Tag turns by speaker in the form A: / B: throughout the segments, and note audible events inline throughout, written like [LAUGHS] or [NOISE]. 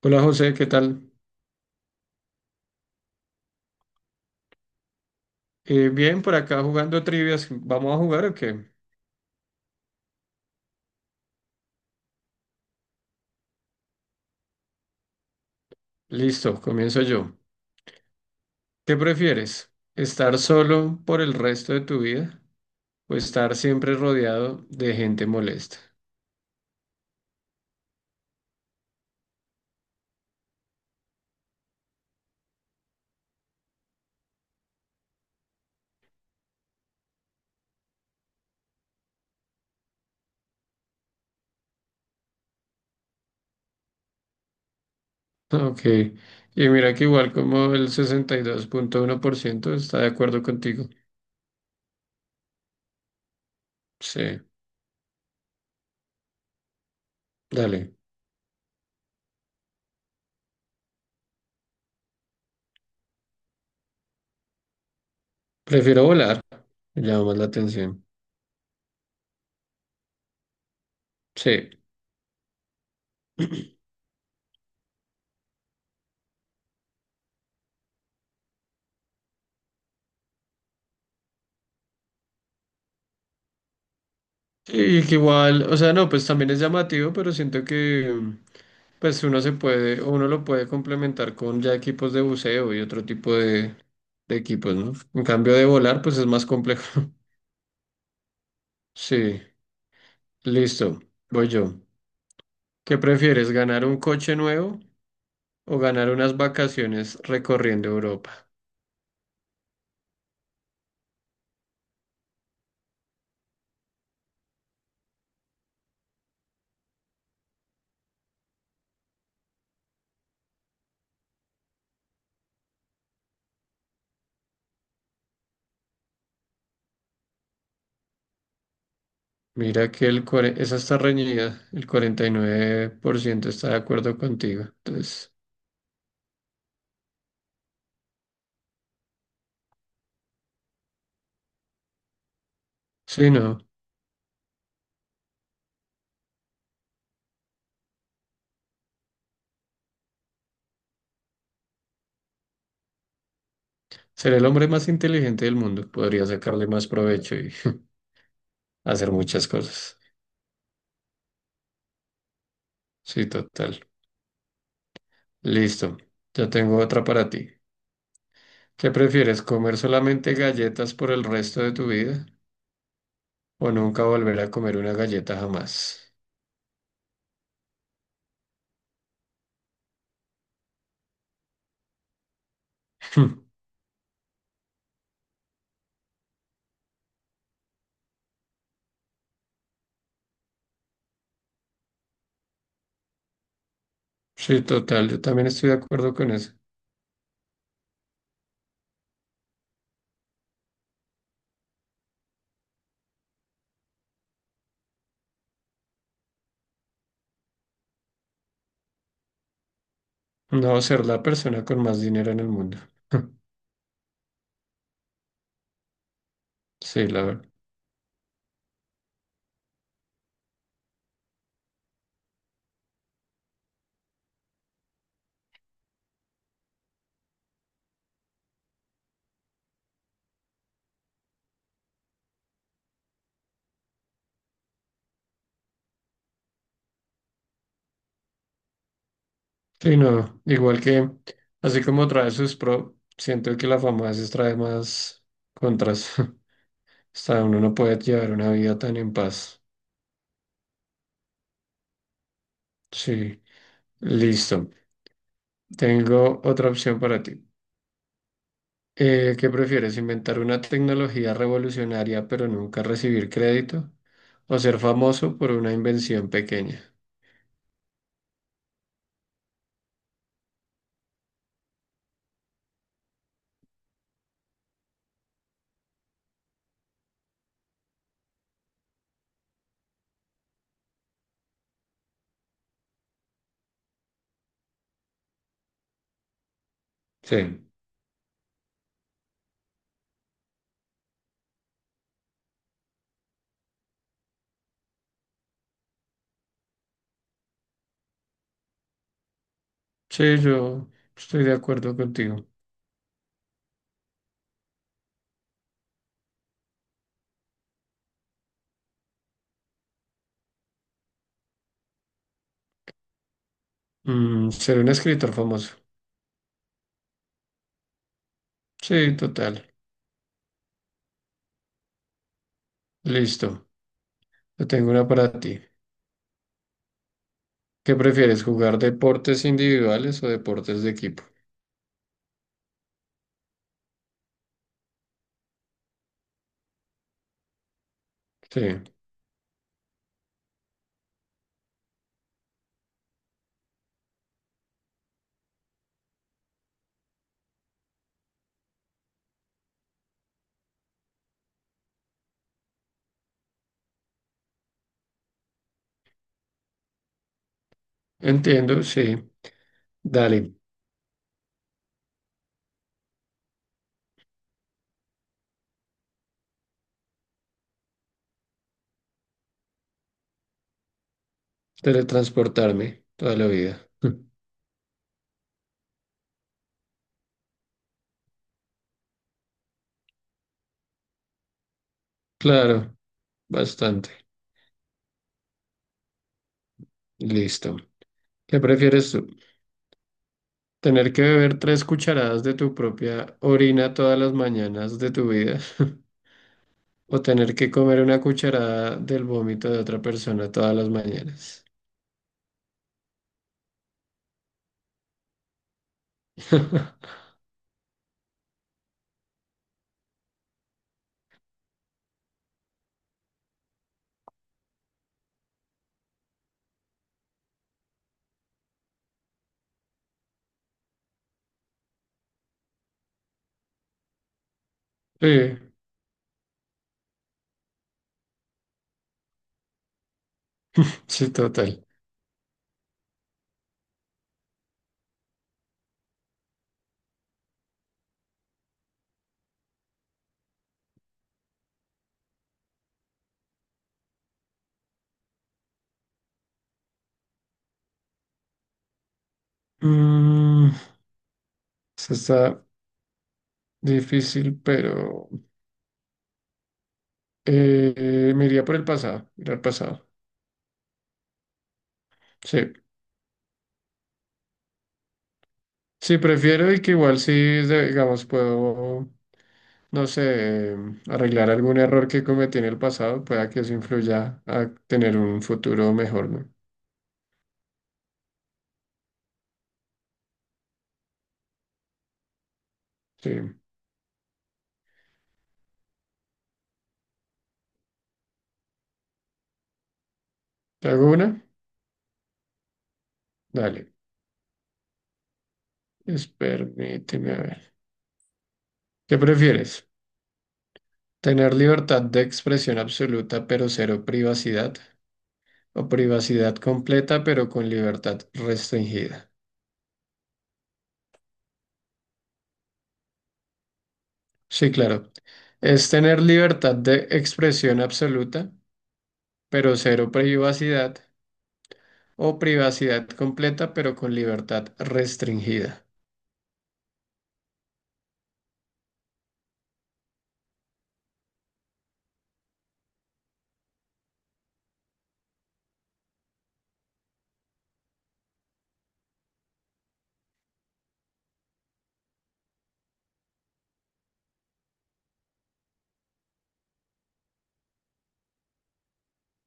A: Hola José, ¿qué tal? Bien, por acá jugando trivias. ¿Vamos a jugar o qué? Listo, comienzo yo. ¿Qué prefieres? ¿Estar solo por el resto de tu vida o estar siempre rodeado de gente molesta? [LAUGHS] Ok, y mira que igual como el 62,1% está de acuerdo contigo. Sí, dale. Prefiero volar, me llama más la atención. Sí. [CLEARS THROAT] Y que igual, o sea, no, pues también es llamativo, pero siento que... Pues uno se puede, uno lo puede complementar con ya equipos de buceo y otro tipo de equipos, ¿no? En cambio de volar, pues es más complejo. [LAUGHS] Sí, listo, voy yo. ¿Qué prefieres, ganar un coche nuevo o ganar unas vacaciones recorriendo Europa? Mira que esa está reñida, el 49% está de acuerdo contigo. Entonces, sí, no, ser el hombre más inteligente del mundo, podría sacarle más provecho y [LAUGHS] hacer muchas cosas. Sí, total. Listo, ya tengo otra para ti. ¿Qué prefieres, comer solamente galletas por el resto de tu vida o nunca volver a comer una galleta jamás? [LAUGHS] Hmm. Sí, total, yo también estoy de acuerdo con eso. No ser la persona con más dinero en el mundo. [LAUGHS] Sí, la verdad. Sí, no, igual que, así como trae sus pro, siento que la fama a veces trae más contras. [LAUGHS] Hasta uno no puede llevar una vida tan en paz. Sí, listo. Tengo otra opción para ti. ¿Qué prefieres? ¿Inventar una tecnología revolucionaria pero nunca recibir crédito? ¿O ser famoso por una invención pequeña? Sí, sí, yo estoy de acuerdo contigo. Ser un escritor famoso. Sí, total. Listo. Yo tengo una para ti. ¿Qué prefieres? ¿Jugar deportes individuales o deportes de equipo? Sí, entiendo, sí. Dale, teletransportarme toda la vida. [LAUGHS] Claro, bastante. Listo. ¿Qué prefieres tú? Tener que beber tres cucharadas de tu propia orina todas las mañanas de tu vida. [LAUGHS] O tener que comer una cucharada del vómito de otra persona todas las mañanas. [LAUGHS] Sí, sí, total. Mm, eso está difícil, pero me iría por el pasado, ir al pasado. Sí. Sí, prefiero y que igual sí, digamos, puedo, no sé, arreglar algún error que cometí en el pasado, pueda que eso influya a tener un futuro mejor, ¿no? Sí. ¿Te hago una? Dale. Permíteme a ver. ¿Qué prefieres? ¿Tener libertad de expresión absoluta pero cero privacidad? ¿O privacidad completa pero con libertad restringida? Sí, claro. Es tener libertad de expresión absoluta pero cero privacidad. O privacidad completa, pero con libertad restringida.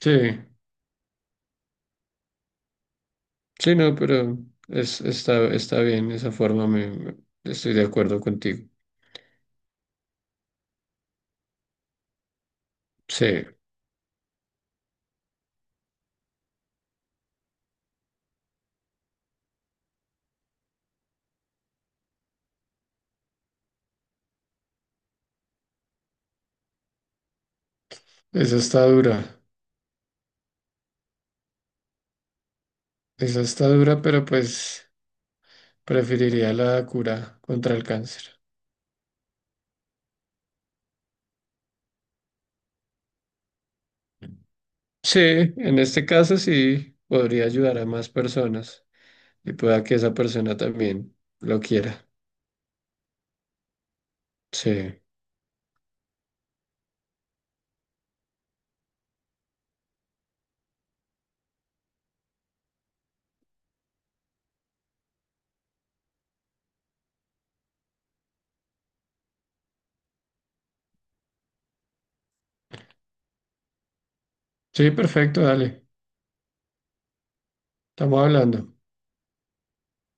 A: Sí, sí, no, pero está bien esa forma, estoy de acuerdo contigo. Sí, esa está dura, esa está dura, pero pues preferiría la cura contra el cáncer. Sí, en este caso sí, podría ayudar a más personas y pueda que esa persona también lo quiera. Sí, sí, perfecto, dale, estamos hablando.